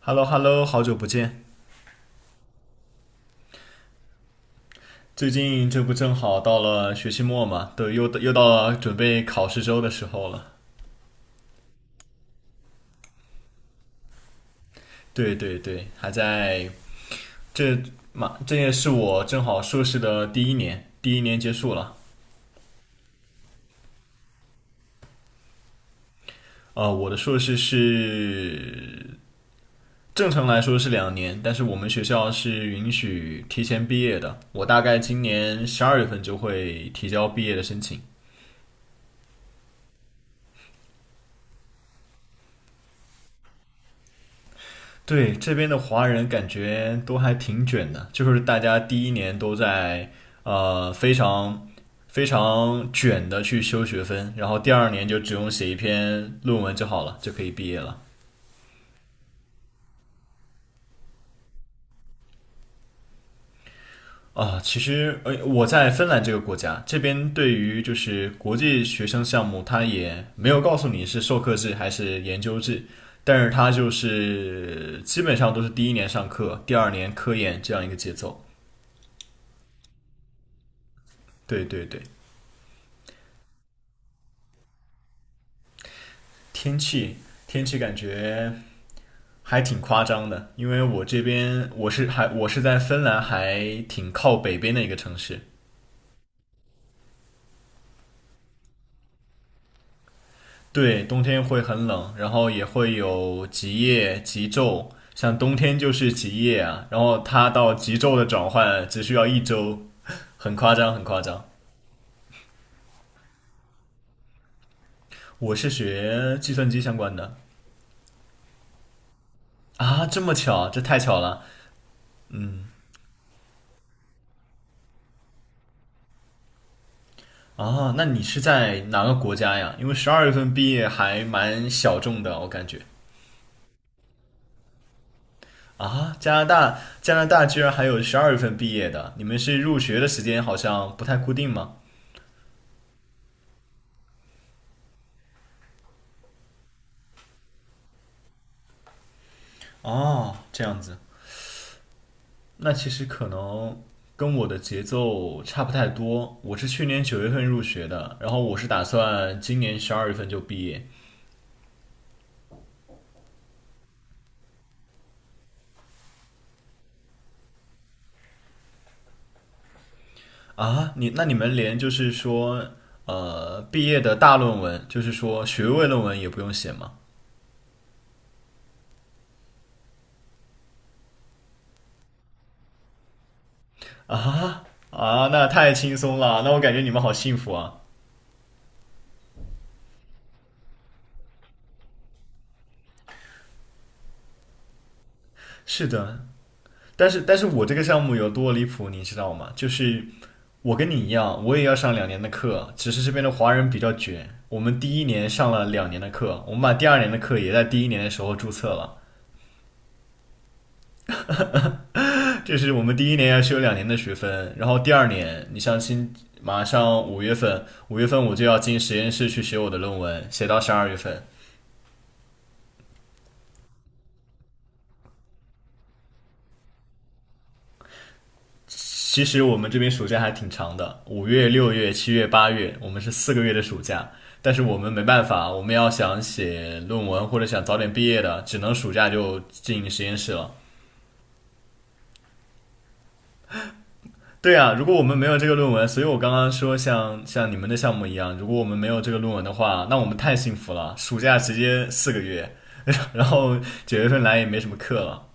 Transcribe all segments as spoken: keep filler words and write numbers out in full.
Hello Hello，好久不见。最近这不正好到了学期末嘛，都又又到了准备考试周的时候了。对对对，还在这嘛，这也是我正好硕士的第一年，第一年结束了。呃，我的硕士是正常来说是两年，但是我们学校是允许提前毕业的。我大概今年十二月份就会提交毕业的申请。对，这边的华人感觉都还挺卷的，就是大家第一年都在呃非常非常卷的去修学分，然后第二年就只用写一篇论文就好了，就可以毕业了。啊，其实呃我在芬兰这个国家，这边对于就是国际学生项目，它也没有告诉你是授课制还是研究制，但是它就是基本上都是第一年上课，第二年科研这样一个节奏。对对对。天气，天气感觉还挺夸张的，因为我这边我是还我是在芬兰，还挺靠北边的一个城市。对，冬天会很冷，然后也会有极夜、极昼，像冬天就是极夜啊，然后它到极昼的转换只需要一周，很夸张，很夸张。我是学计算机相关的啊，这么巧，这太巧了。嗯，啊，那你是在哪个国家呀？因为十二月份毕业还蛮小众的，我感觉。啊，加拿大，加拿大居然还有十二月份毕业的，你们是入学的时间好像不太固定吗？哦，这样子，那其实可能跟我的节奏差不太多。我是去年九月份入学的，然后我是打算今年十二月份就毕业啊。你那你们连就是说，呃，毕业的大论文，就是说学位论文也不用写吗？啊，那太轻松了，那我感觉你们好幸福啊。是的，但是但是我这个项目有多离谱，你知道吗？就是我跟你一样，我也要上两年的课，只是这边的华人比较卷。我们第一年上了两年的课，我们把第二年的课也在第一年的时候注册了。就是我们第一年要修两年的学分，然后第二年，你像新马上五月份，五月份我就要进实验室去写我的论文，写到十二月份。其实我们这边暑假还挺长的，五月、六月、七月、八月，我们是四个月的暑假。但是我们没办法，我们要想写论文或者想早点毕业的，只能暑假就进实验室了。对啊，如果我们没有这个论文，所以我刚刚说像像你们的项目一样，如果我们没有这个论文的话，那我们太幸福了，暑假直接四个月，然后九月份来也没什么课了。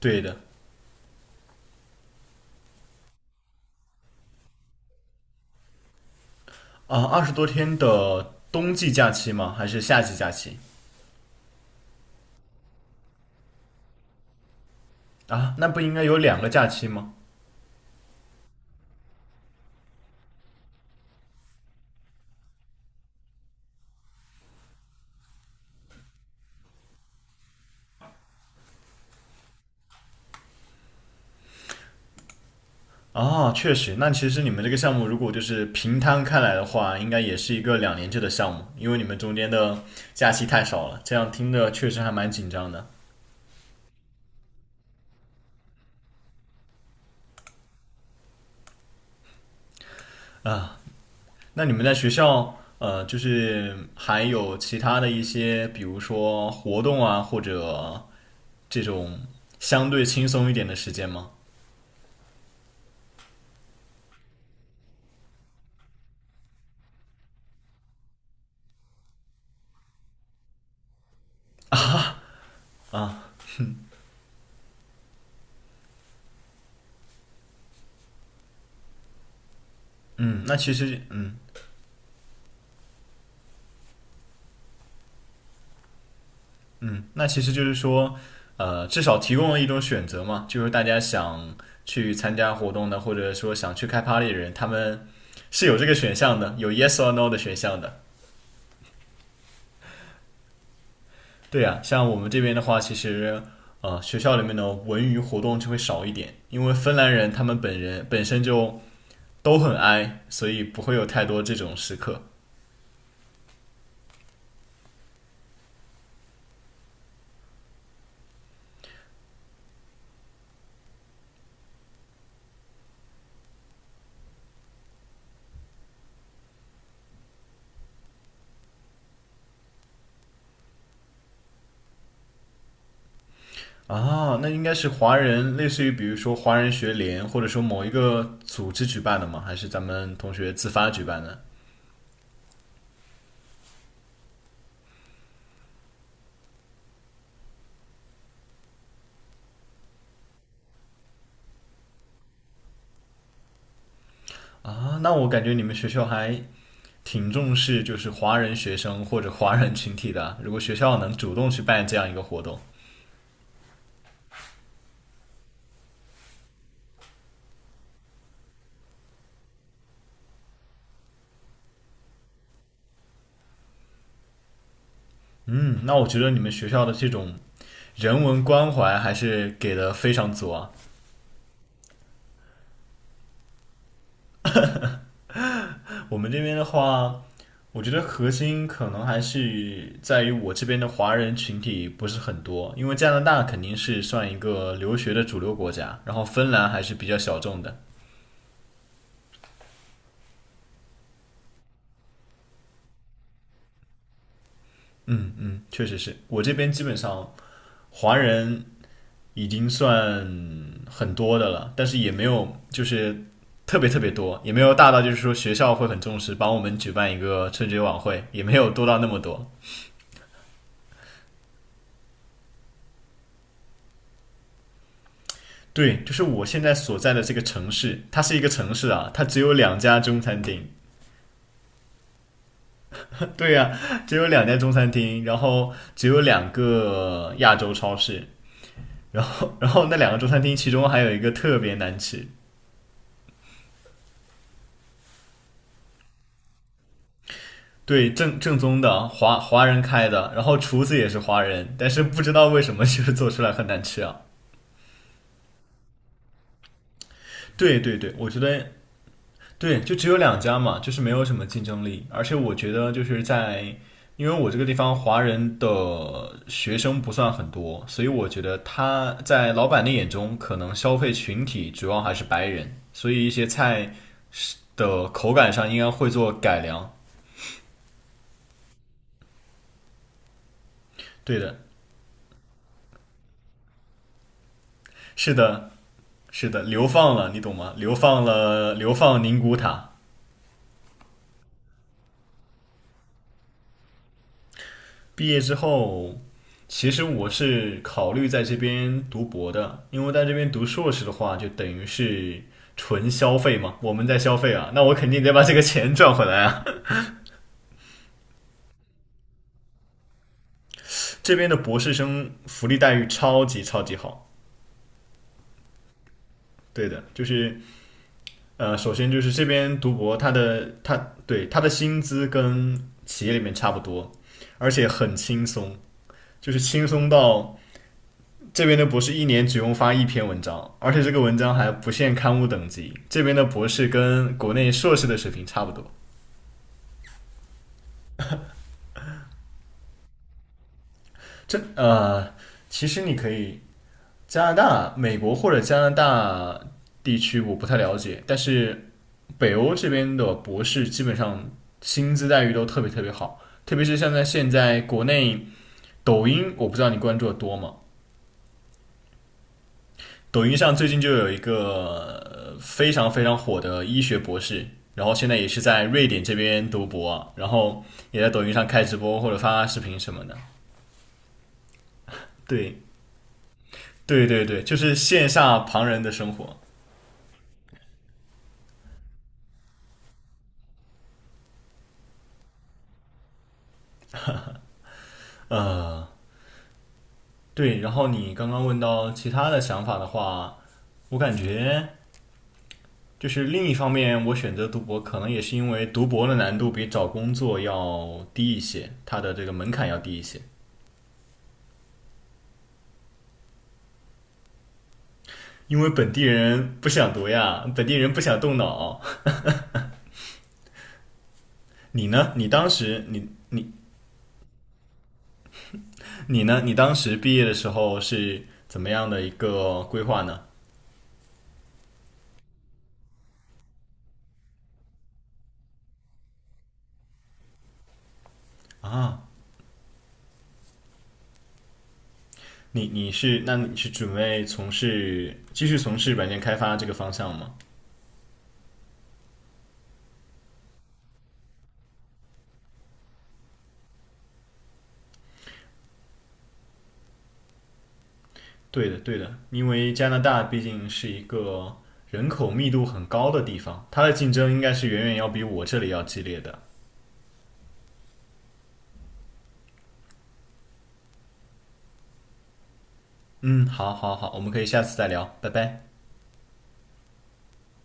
对的，啊，二十多天的冬季假期吗？还是夏季假期？啊，那不应该有两个假期吗？啊，确实，那其实你们这个项目如果就是平摊开来的话，应该也是一个两年制的项目，因为你们中间的假期太少了，这样听着确实还蛮紧张的。那你们在学校，呃，就是还有其他的一些，比如说活动啊，或者这种相对轻松一点的时间吗？嗯，那其实，嗯。嗯，那其实就是说，呃，至少提供了一种选择嘛，就是大家想去参加活动的，或者说想去开 party 的人，他们是有这个选项的，有 yes or no 的选项的。对呀、像我们这边的话，其实呃，学校里面的文娱活动就会少一点，因为芬兰人他们本人本身就都很 i,所以不会有太多这种时刻。啊，那应该是华人，类似于比如说华人学联，或者说某一个组织举办的吗？还是咱们同学自发举办的？啊，那我感觉你们学校还挺重视就是华人学生或者华人群体的啊。如果学校能主动去办这样一个活动，嗯，那我觉得你们学校的这种人文关怀还是给的非常足啊。我们这边的话，我觉得核心可能还是在于我这边的华人群体不是很多，因为加拿大肯定是算一个留学的主流国家，然后芬兰还是比较小众的。嗯嗯，确实是我这边基本上华人已经算很多的了，但是也没有就是特别特别多，也没有大到就是说学校会很重视帮我们举办一个春节晚会，也没有多到那么多。对，就是我现在所在的这个城市，它是一个城市啊，它只有两家中餐厅 对呀、只有两家中餐厅，然后只有两个亚洲超市，然后然后那两个中餐厅其中还有一个特别难吃，对，正正宗的华华人开的，然后厨子也是华人，但是不知道为什么 就是做出来很难吃啊。对对对，我觉得对，就只有两家嘛，就是没有什么竞争力，而且我觉得就是在。因为我这个地方华人的学生不算很多，所以我觉得他在老板的眼中，可能消费群体主要还是白人，所以一些菜是的口感上应该会做改良。对的，是的，是的，流放了，你懂吗？流放了，流放宁古塔。毕业之后，其实我是考虑在这边读博的，因为在这边读硕士的话，就等于是纯消费嘛，我们在消费啊，那我肯定得把这个钱赚回来啊。这边的博士生福利待遇超级超级好，对的，就是呃，首先就是这边读博，他的他对，他的薪资跟企业里面差不多，而且很轻松，就是轻松到。这边的博士一年只用发一篇文章，而且这个文章还不限刊物等级。这边的博士跟国内硕士的水平差不多。这呃，其实你可以加拿大、美国或者加拿大地区我不太了解，但是北欧这边的博士基本上薪资待遇都特别特别好，特别是像在现在国内抖音，我不知道你关注的多吗？抖音上最近就有一个呃非常非常火的医学博士，然后现在也是在瑞典这边读博啊，然后也在抖音上开直播或者发视频什么的。对，对对对，就是羡煞旁人的生活。呃，对，然后你刚刚问到其他的想法的话，我感觉就是另一方面，我选择读博可能也是因为读博的难度比找工作要低一些，它的这个门槛要低一些。因为本地人不想读呀，本地人不想动脑。你呢？你当时你你你呢？你当时毕业的时候是怎么样的一个规划呢？啊，你你是那你是准备从事继续从事软件开发这个方向吗？对的，对的，因为加拿大毕竟是一个人口密度很高的地方，它的竞争应该是远远要比我这里要激烈的。嗯，好，好，好，我们可以下次再聊，拜拜。